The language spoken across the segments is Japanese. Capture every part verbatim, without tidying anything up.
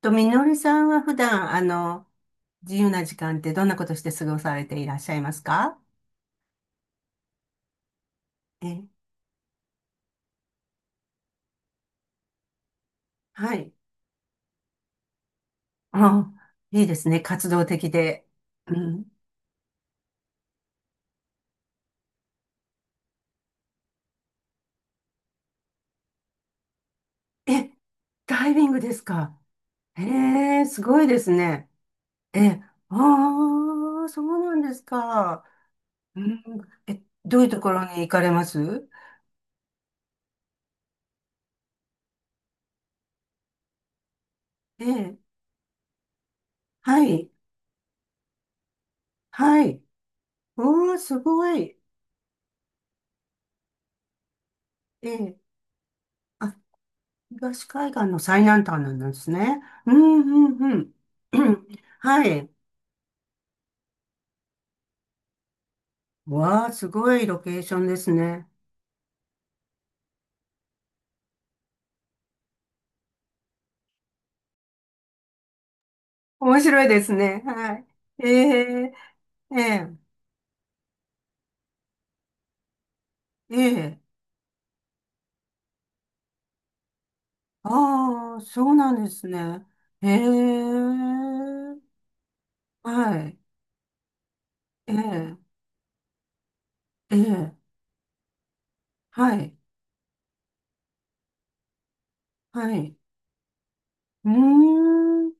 と、みのりさんは普段、あの、自由な時間ってどんなことして過ごされていらっしゃいますか？え、はい。あ、いいですね。活動的で。うん。え、ダイビングですか？へえ、すごいですね。え、ああ、そうなんですか。うん。え、どういうところに行かれます？ええ、はい。はい。おー、すごい。ええ、あ。東海岸の最南端なんですね。うんうんうん。うん はい。わあ、すごいロケーションですね。面白いですね。はい。ええ、ええ、ええ、ああ、そうなんですね。ええ、はい。ええ、ええ、はい。はい。うーん。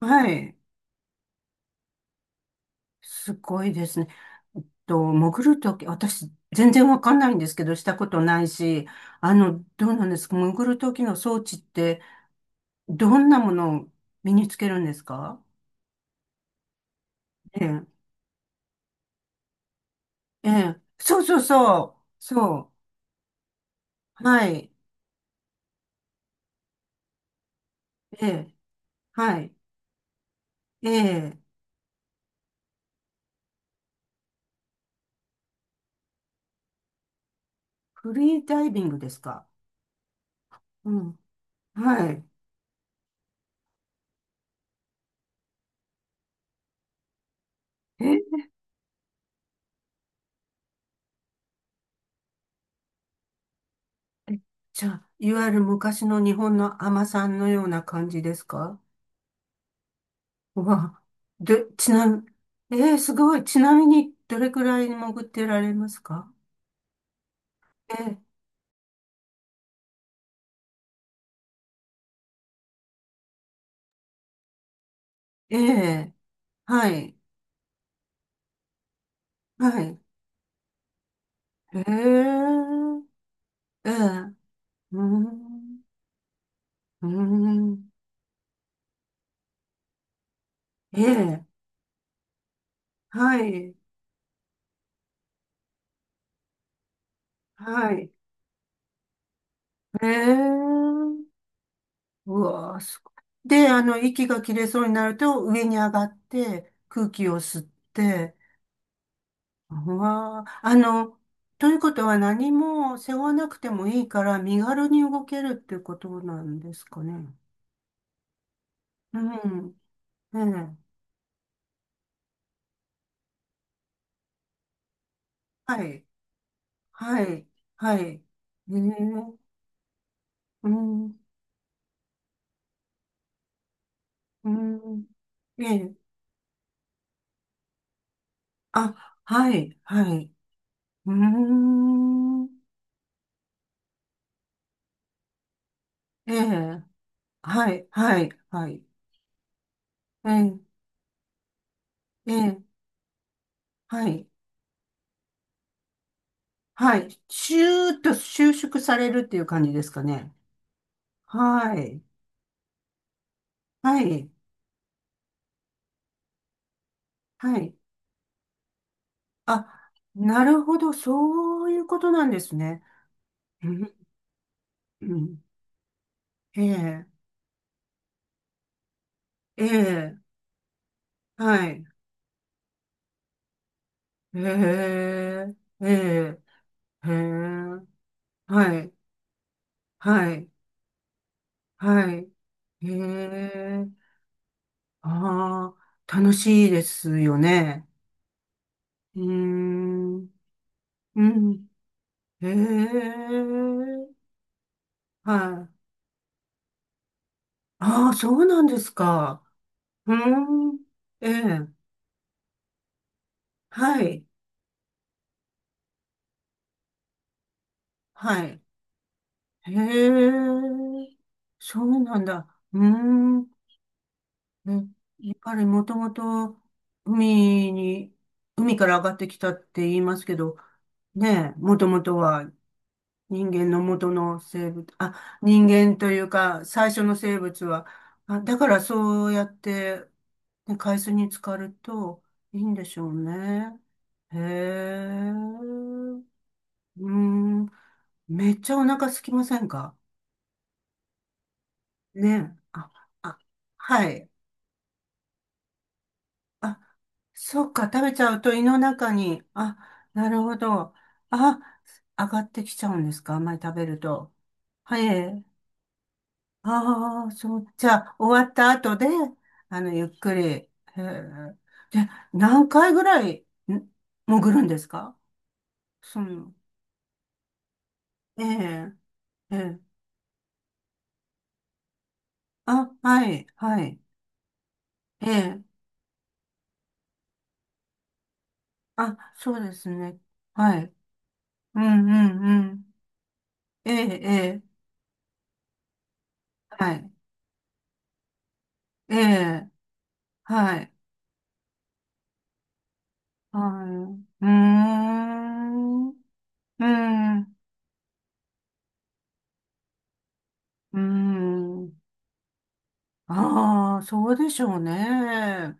はい。すごいですね。えっと、潜るとき、私、全然わかんないんですけど、したことないし、あの、どうなんですか、潜るときの装置って、どんなものを身につけるんですか？ええ、ええ、そうそうそう、そう、はい、ええ、はい、ええ、フリーダイビングですか？うん、はい。え、え、じゃあ、いわゆる昔の日本の海女さんのような感じですか？うわ、で、ちなみ、えー、すごい。ちなみに、どれくらい潜ってられますか？ええ、え、はい、はい。ええ、ええ、うん、うん、ええ、はい、はい。ええ、うわあ、すごい。で、あの、息が切れそうになると、上に上がって、空気を吸って、わあ、あの、ということは何も背負わなくてもいいから身軽に動けるっていうことなんですかね。うん。ええ。はい。はい。はい。ええ。うん。うん。ええ。あ、はい。はい。うーん。ええ。はい。はい。はい。ええ。ええ。はい。はい。シューッと収縮されるっていう感じですかね。はい。はい。はい。あ、なるほど。そういうことなんですね。うんうん、ええ、ええ、はい。ええ、ええ、ええ、はい、はい、はい。ええ、ああ、楽しいですよね。うーん、うん、ええ、はい。ああ、そうなんですか。うーん、ええ、はい、はい。へえ、そうなんだ。うーん。ね、やっぱりもともと海に、海から上がってきたって言いますけど、ねえ、もともとは人間の元の生物、あ、人間というか最初の生物は、あ、だからそうやって、ね、海水に浸かるといいんでしょうね。へえ、うーん、めっちゃお腹空きませんか？ね。あ、あ、はい。あ、そっか、食べちゃうと胃の中に、あ、なるほど。あ、上がってきちゃうんですか、あんまり食べると？はい。ああ、そう、じゃあ、終わった後で、あの、ゆっくり。へえ。で、何回ぐらい、ん潜るんですか？その、ええ、ええ。あ、はい、はい。ええ。あ、そうですね。はい。うん、うん、うん。ええ、ええ。はい。ええ、はい、はい。うーん、うーん、うーん。ああ、そうでしょうね。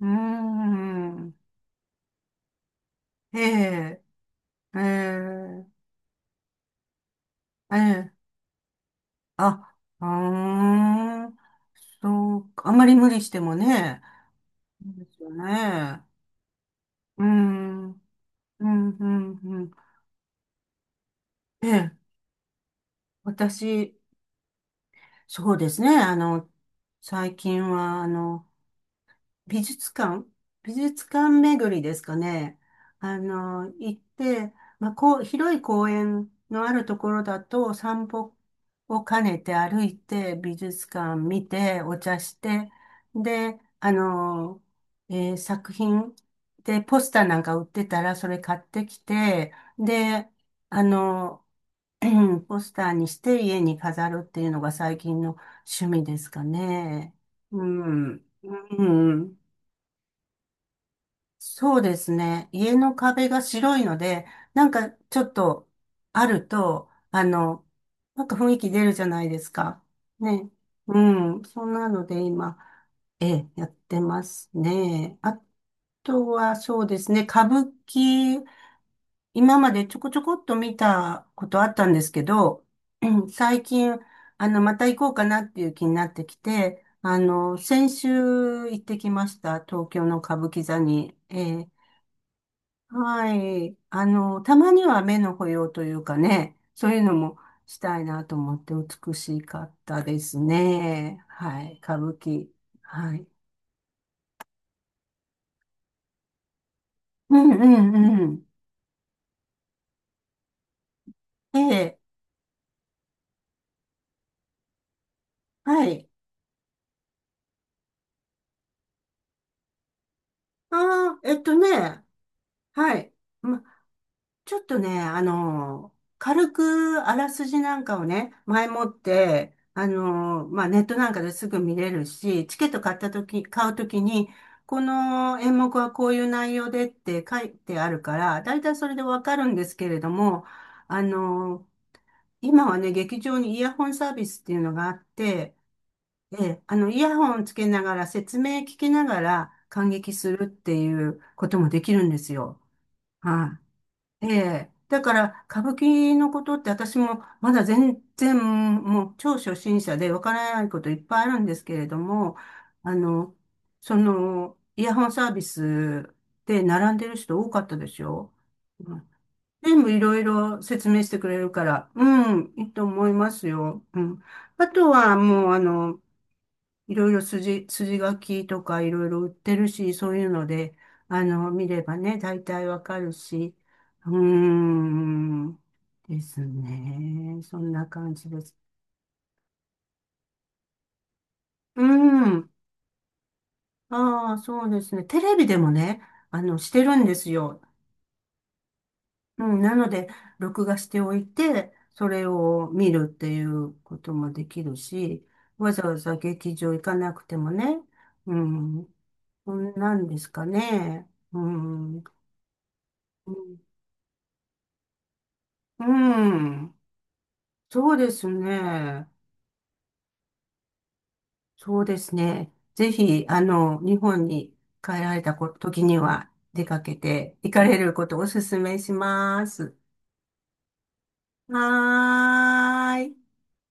うーん、ええ、ええ、ええ、あ、うーん、そうか、あまり無理してもね、そうですよね。うーん、うん、うん、うん。ええ、私、そうですね、あの、最近は、あの、美術館美術館巡りですかね。あの、行って、まあ、こう、広い公園のあるところだと散歩を兼ねて歩いて、美術館見て、お茶して、で、あの、えー作品でポスターなんか売ってたらそれ買ってきて、で、あの、ポスターにして家に飾るっていうのが最近の趣味ですかね。うん。うん。そうですね。家の壁が白いので、なんかちょっとあると、あの、なんか雰囲気出るじゃないですか。ね。うん。そんなので今、ええ、やってますね。あとはそうですね。歌舞伎、今までちょこちょこっと見たことあったんですけど、うん、最近、あの、また行こうかなっていう気になってきて、あの、先週行ってきました。東京の歌舞伎座に。ええ、はい。あの、たまには目の保養というかね、そういうのもしたいなと思って美しかったですね。はい。歌舞伎。はい。うんうんうん。ええ。はい。ああ、えっとね。はい。まちょっとね、あの、軽くあらすじなんかをね、前もって、あの、まあ、ネットなんかですぐ見れるし、チケット買ったとき、買うときに、この演目はこういう内容でって書いてあるから、だいたいそれでわかるんですけれども、あの、今はね、劇場にイヤホンサービスっていうのがあって、ええ、あの、イヤホンつけながら説明聞きながら観劇するっていうこともできるんですよ。はい、ええ。だから、歌舞伎のことって私もまだ全然もう超初心者でわからないこといっぱいあるんですけれども、あの、その、イヤホンサービスで並んでる人多かったでしょ？うん、全部いろいろ説明してくれるから、うん、いいと思いますよ。うん。あとはもうあの、いろいろ筋、筋書きとかいろいろ売ってるし、そういうので、あの、見ればね、大体わかるし、うーん、ですね。そんな感じです。うーん、ああ、そうですね。テレビでもね、あの、してるんですよ。うん、なので、録画しておいて、それを見るっていうこともできるし、わざわざ劇場行かなくてもね、うん、そんなんですかね。うん。うんうん。そうですね。そうですね。ぜひ、あの、日本に帰られたこ時には出かけて行かれることをお勧めします。はーい。